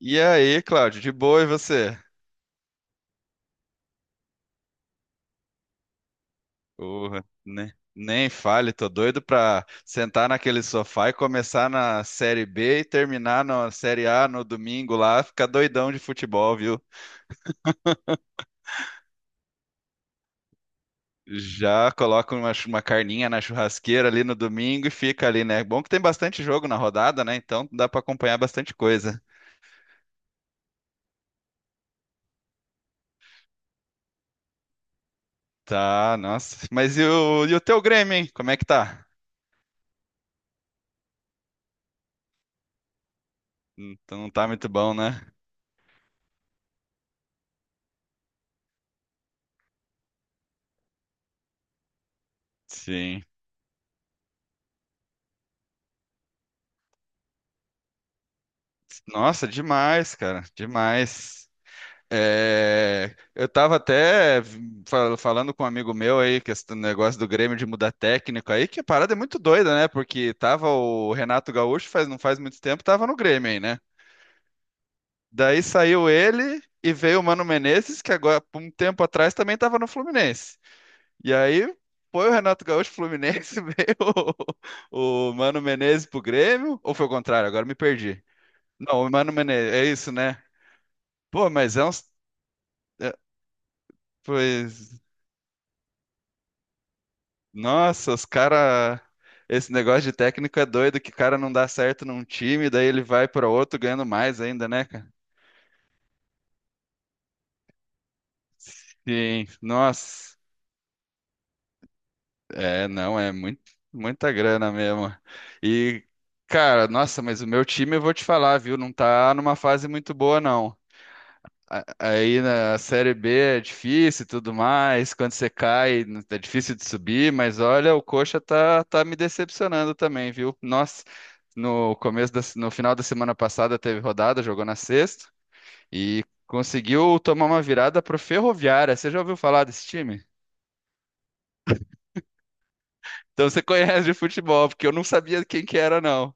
E aí, Cláudio, de boa e você? Porra, né? Nem fale, tô doido pra sentar naquele sofá e começar na Série B e terminar na Série A no domingo lá, ficar doidão de futebol, viu? Já coloca uma, uma carninha na churrasqueira ali no domingo e fica ali, né? Bom que tem bastante jogo na rodada, né? Então dá pra acompanhar bastante coisa. Tá, nossa. Mas e o teu Grêmio, hein? Como é que tá? Não tá muito bom, né? Sim. Nossa, demais, cara, demais. É, eu estava até falando com um amigo meu aí, que esse negócio do Grêmio de mudar técnico aí, que a parada é muito doida, né? Porque tava o Renato Gaúcho, faz, não faz muito tempo, tava no Grêmio aí, né? Daí saiu ele e veio o Mano Menezes, que agora, por um tempo atrás, também tava no Fluminense. E aí foi o Renato Gaúcho pro Fluminense, veio o Mano Menezes pro Grêmio, ou foi o contrário? Agora me perdi. Não, o Mano Menezes, é isso, né? Pô, mas é uns. É. Pois. Nossa, os cara. Esse negócio de técnico é doido, que o cara não dá certo num time, daí ele vai para outro ganhando mais ainda, né, cara? Sim, nossa. É, não, é muito, muita grana mesmo. E, cara, nossa, mas o meu time, eu vou te falar, viu? Não tá numa fase muito boa, não. Aí na Série B é difícil e tudo mais. Quando você cai, é difícil de subir, mas olha, o Coxa tá me decepcionando também, viu? Nossa, no final da semana passada teve rodada, jogou na sexta e conseguiu tomar uma virada pro Ferroviária. Você já ouviu falar desse time? Então você conhece de futebol, porque eu não sabia quem que era, não.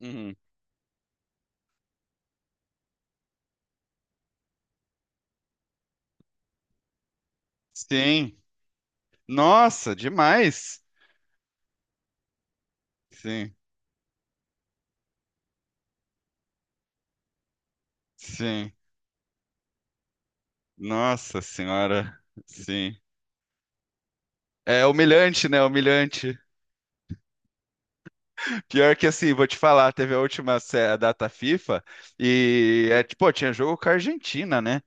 Uhum. Sim. Nossa, demais. Sim, sim. Nossa senhora. Sim. É humilhante, né? Humilhante. Pior que assim, vou te falar, teve a última a data FIFA e é tipo, pô, tinha jogo com a Argentina, né?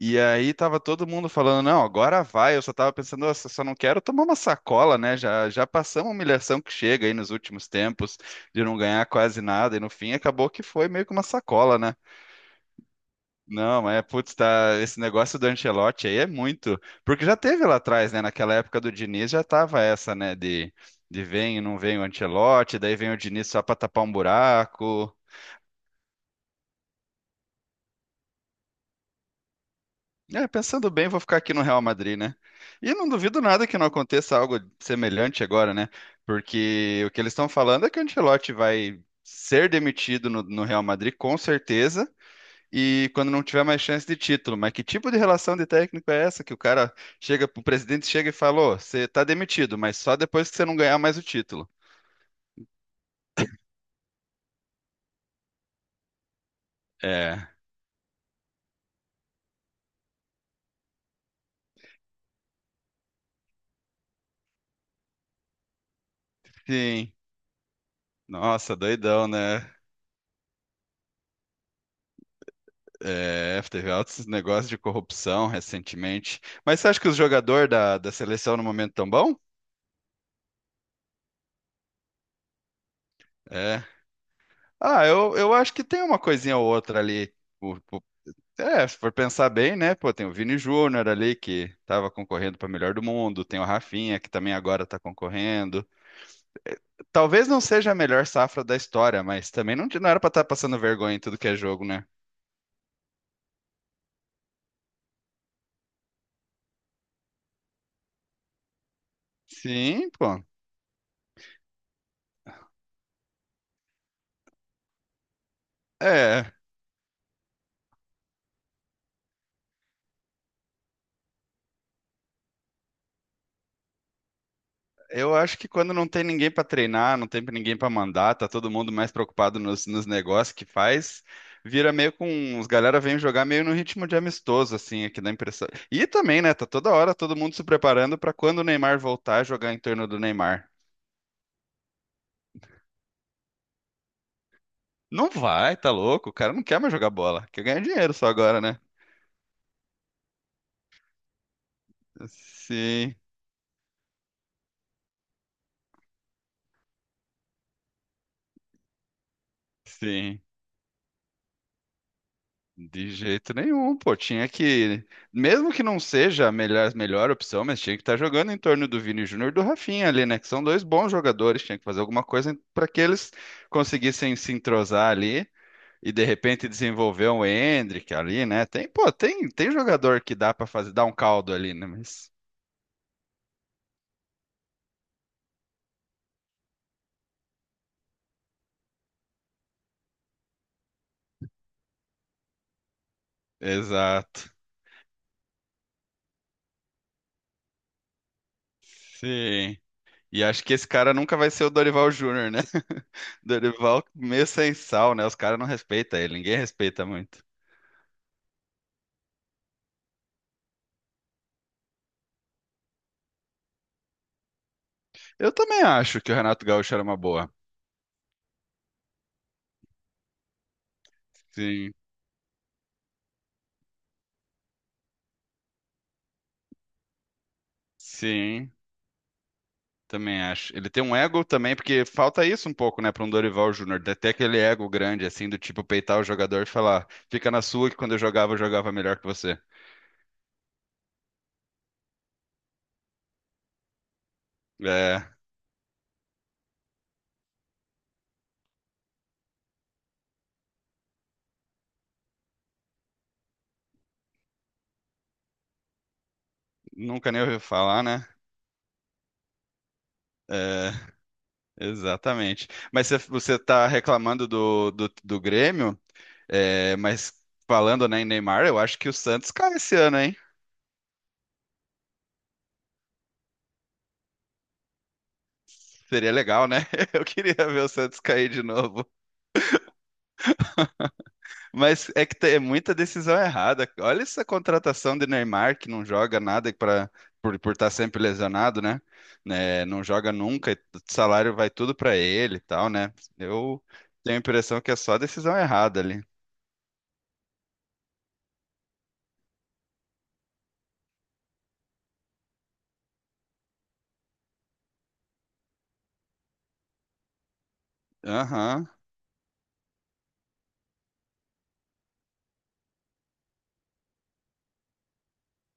E aí tava todo mundo falando, não, agora vai. Eu só tava pensando, nossa, só não quero tomar uma sacola, né? Já passamos a humilhação que chega aí nos últimos tempos de não ganhar quase nada e no fim acabou que foi meio que uma sacola, né? Não, mas é, putz, tá, esse negócio do Ancelotti aí é muito, porque já teve lá atrás, né, naquela época do Diniz já tava essa, né, de vem e não vem o Ancelotti, daí vem o Diniz só pra tapar um buraco. É, pensando bem, vou ficar aqui no Real Madrid, né? E não duvido nada que não aconteça algo semelhante agora, né? Porque o que eles estão falando é que o Ancelotti vai ser demitido no Real Madrid com certeza e quando não tiver mais chance de título. Mas que tipo de relação de técnico é essa que o cara chega, o presidente chega e fala, "Ô, você tá demitido, mas só depois que você não ganhar mais o título." É, sim. Nossa, doidão, né? É, teve altos negócios de corrupção recentemente. Mas você acha que os jogadores da seleção no momento tão bom? É. Ah, eu acho que tem uma coisinha ou outra ali. É, se for pensar bem, né? Pô, tem o Vini Júnior ali que estava concorrendo para melhor do mundo, tem o Rafinha que também agora está concorrendo. Talvez não seja a melhor safra da história, mas também não, não era para estar passando vergonha em tudo que é jogo, né? Sim, pô. É. Eu acho que quando não tem ninguém para treinar, não tem ninguém para mandar, tá todo mundo mais preocupado nos negócios que faz, vira meio com os galera vêm jogar meio no ritmo de amistoso assim, aqui dá a impressão. E também, né, tá toda hora todo mundo se preparando para quando o Neymar voltar jogar em torno do Neymar. Não vai, tá louco? O cara não quer mais jogar bola, quer ganhar dinheiro só agora, né? Sim, sim. De jeito nenhum, pô. Tinha que, mesmo que não seja a melhor, melhor opção, mas tinha que estar jogando em torno do Vini Júnior e do Rafinha ali, né? Que são dois bons jogadores. Tinha que fazer alguma coisa para que eles conseguissem se entrosar ali e de repente desenvolver um Endrick ali, né? Tem, pô, tem jogador que dá para fazer, dar um caldo ali, né? Mas... Exato. Sim. E acho que esse cara nunca vai ser o Dorival Júnior, né? Dorival meio sem sal, né? Os caras não respeitam ele, ninguém respeita muito. Eu também acho que o Renato Gaúcho era uma boa. Sim, sim, também acho. Ele tem um ego também, porque falta isso um pouco, né, para um Dorival Júnior, de ter até aquele ego grande, assim, do tipo peitar o jogador e falar, fica na sua que quando eu jogava melhor que você. É, nunca nem ouviu falar, né? É, exatamente. Mas você tá reclamando do, do Grêmio, é, mas falando, né, em Neymar, eu acho que o Santos cai esse ano, hein? Seria legal, né? Eu queria ver o Santos cair de novo. Mas é que é muita decisão errada. Olha essa contratação de Neymar que não joga nada para por estar sempre lesionado, né? Né, não joga nunca, e o salário vai tudo para ele e tal, né? Eu tenho a impressão que é só decisão errada ali. Aham.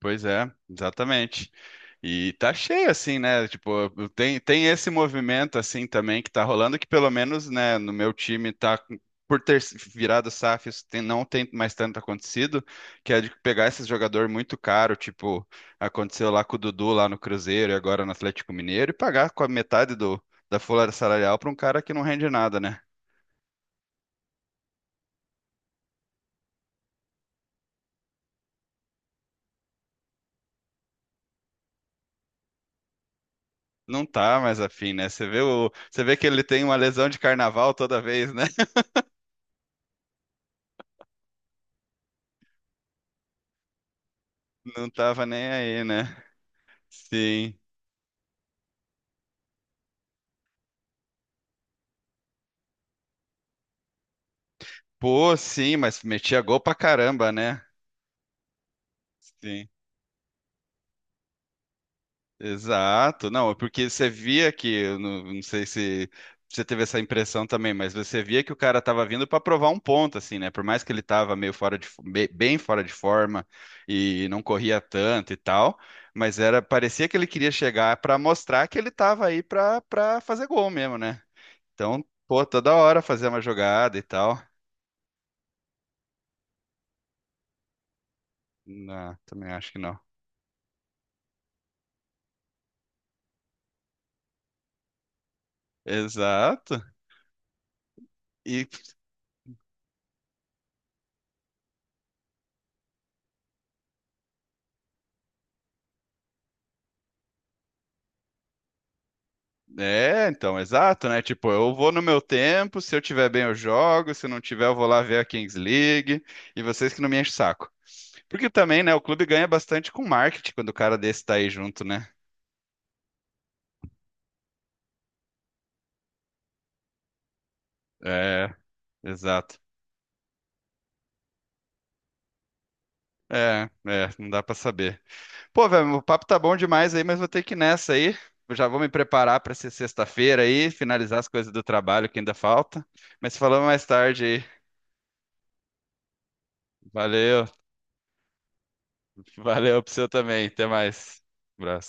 Pois é, exatamente. E tá cheio assim, né? Tipo, tem, tem esse movimento assim também que tá rolando, que pelo menos, né, no meu time tá por ter virado SAF, isso não tem mais tanto acontecido, que é de pegar esses jogador muito caro, tipo, aconteceu lá com o Dudu lá no Cruzeiro e agora no Atlético Mineiro, e pagar com a metade do, da folha salarial pra um cara que não rende nada, né? Não tá mais afim, né? Você vê o, você vê que ele tem uma lesão de carnaval toda vez, né? Não tava nem aí, né? Sim. Pô, sim, mas metia gol pra caramba, né? Sim. Exato. Não, é porque você via que, eu não, não sei se você teve essa impressão também, mas você via que o cara tava vindo pra provar um ponto, assim, né? Por mais que ele tava meio fora de, bem fora de forma e não corria tanto e tal, mas era, parecia que ele queria chegar pra mostrar que ele tava aí pra para fazer gol mesmo, né? Então, pô, toda hora fazer uma jogada e tal. Não, também acho que não. Exato. E é, então, exato, né? Tipo, eu vou no meu tempo, se eu tiver bem eu jogo, se não tiver eu vou lá ver a Kings League, e vocês que não me enchem o saco. Porque também, né, o clube ganha bastante com marketing quando o cara desse tá aí junto, né? É, exato. É, é, não dá pra saber. Pô, velho, o papo tá bom demais aí, mas vou ter que ir nessa aí. Eu já vou me preparar pra ser sexta-feira aí, finalizar as coisas do trabalho que ainda falta. Mas falamos mais tarde aí. Valeu, valeu pro seu também. Até mais. Abraço.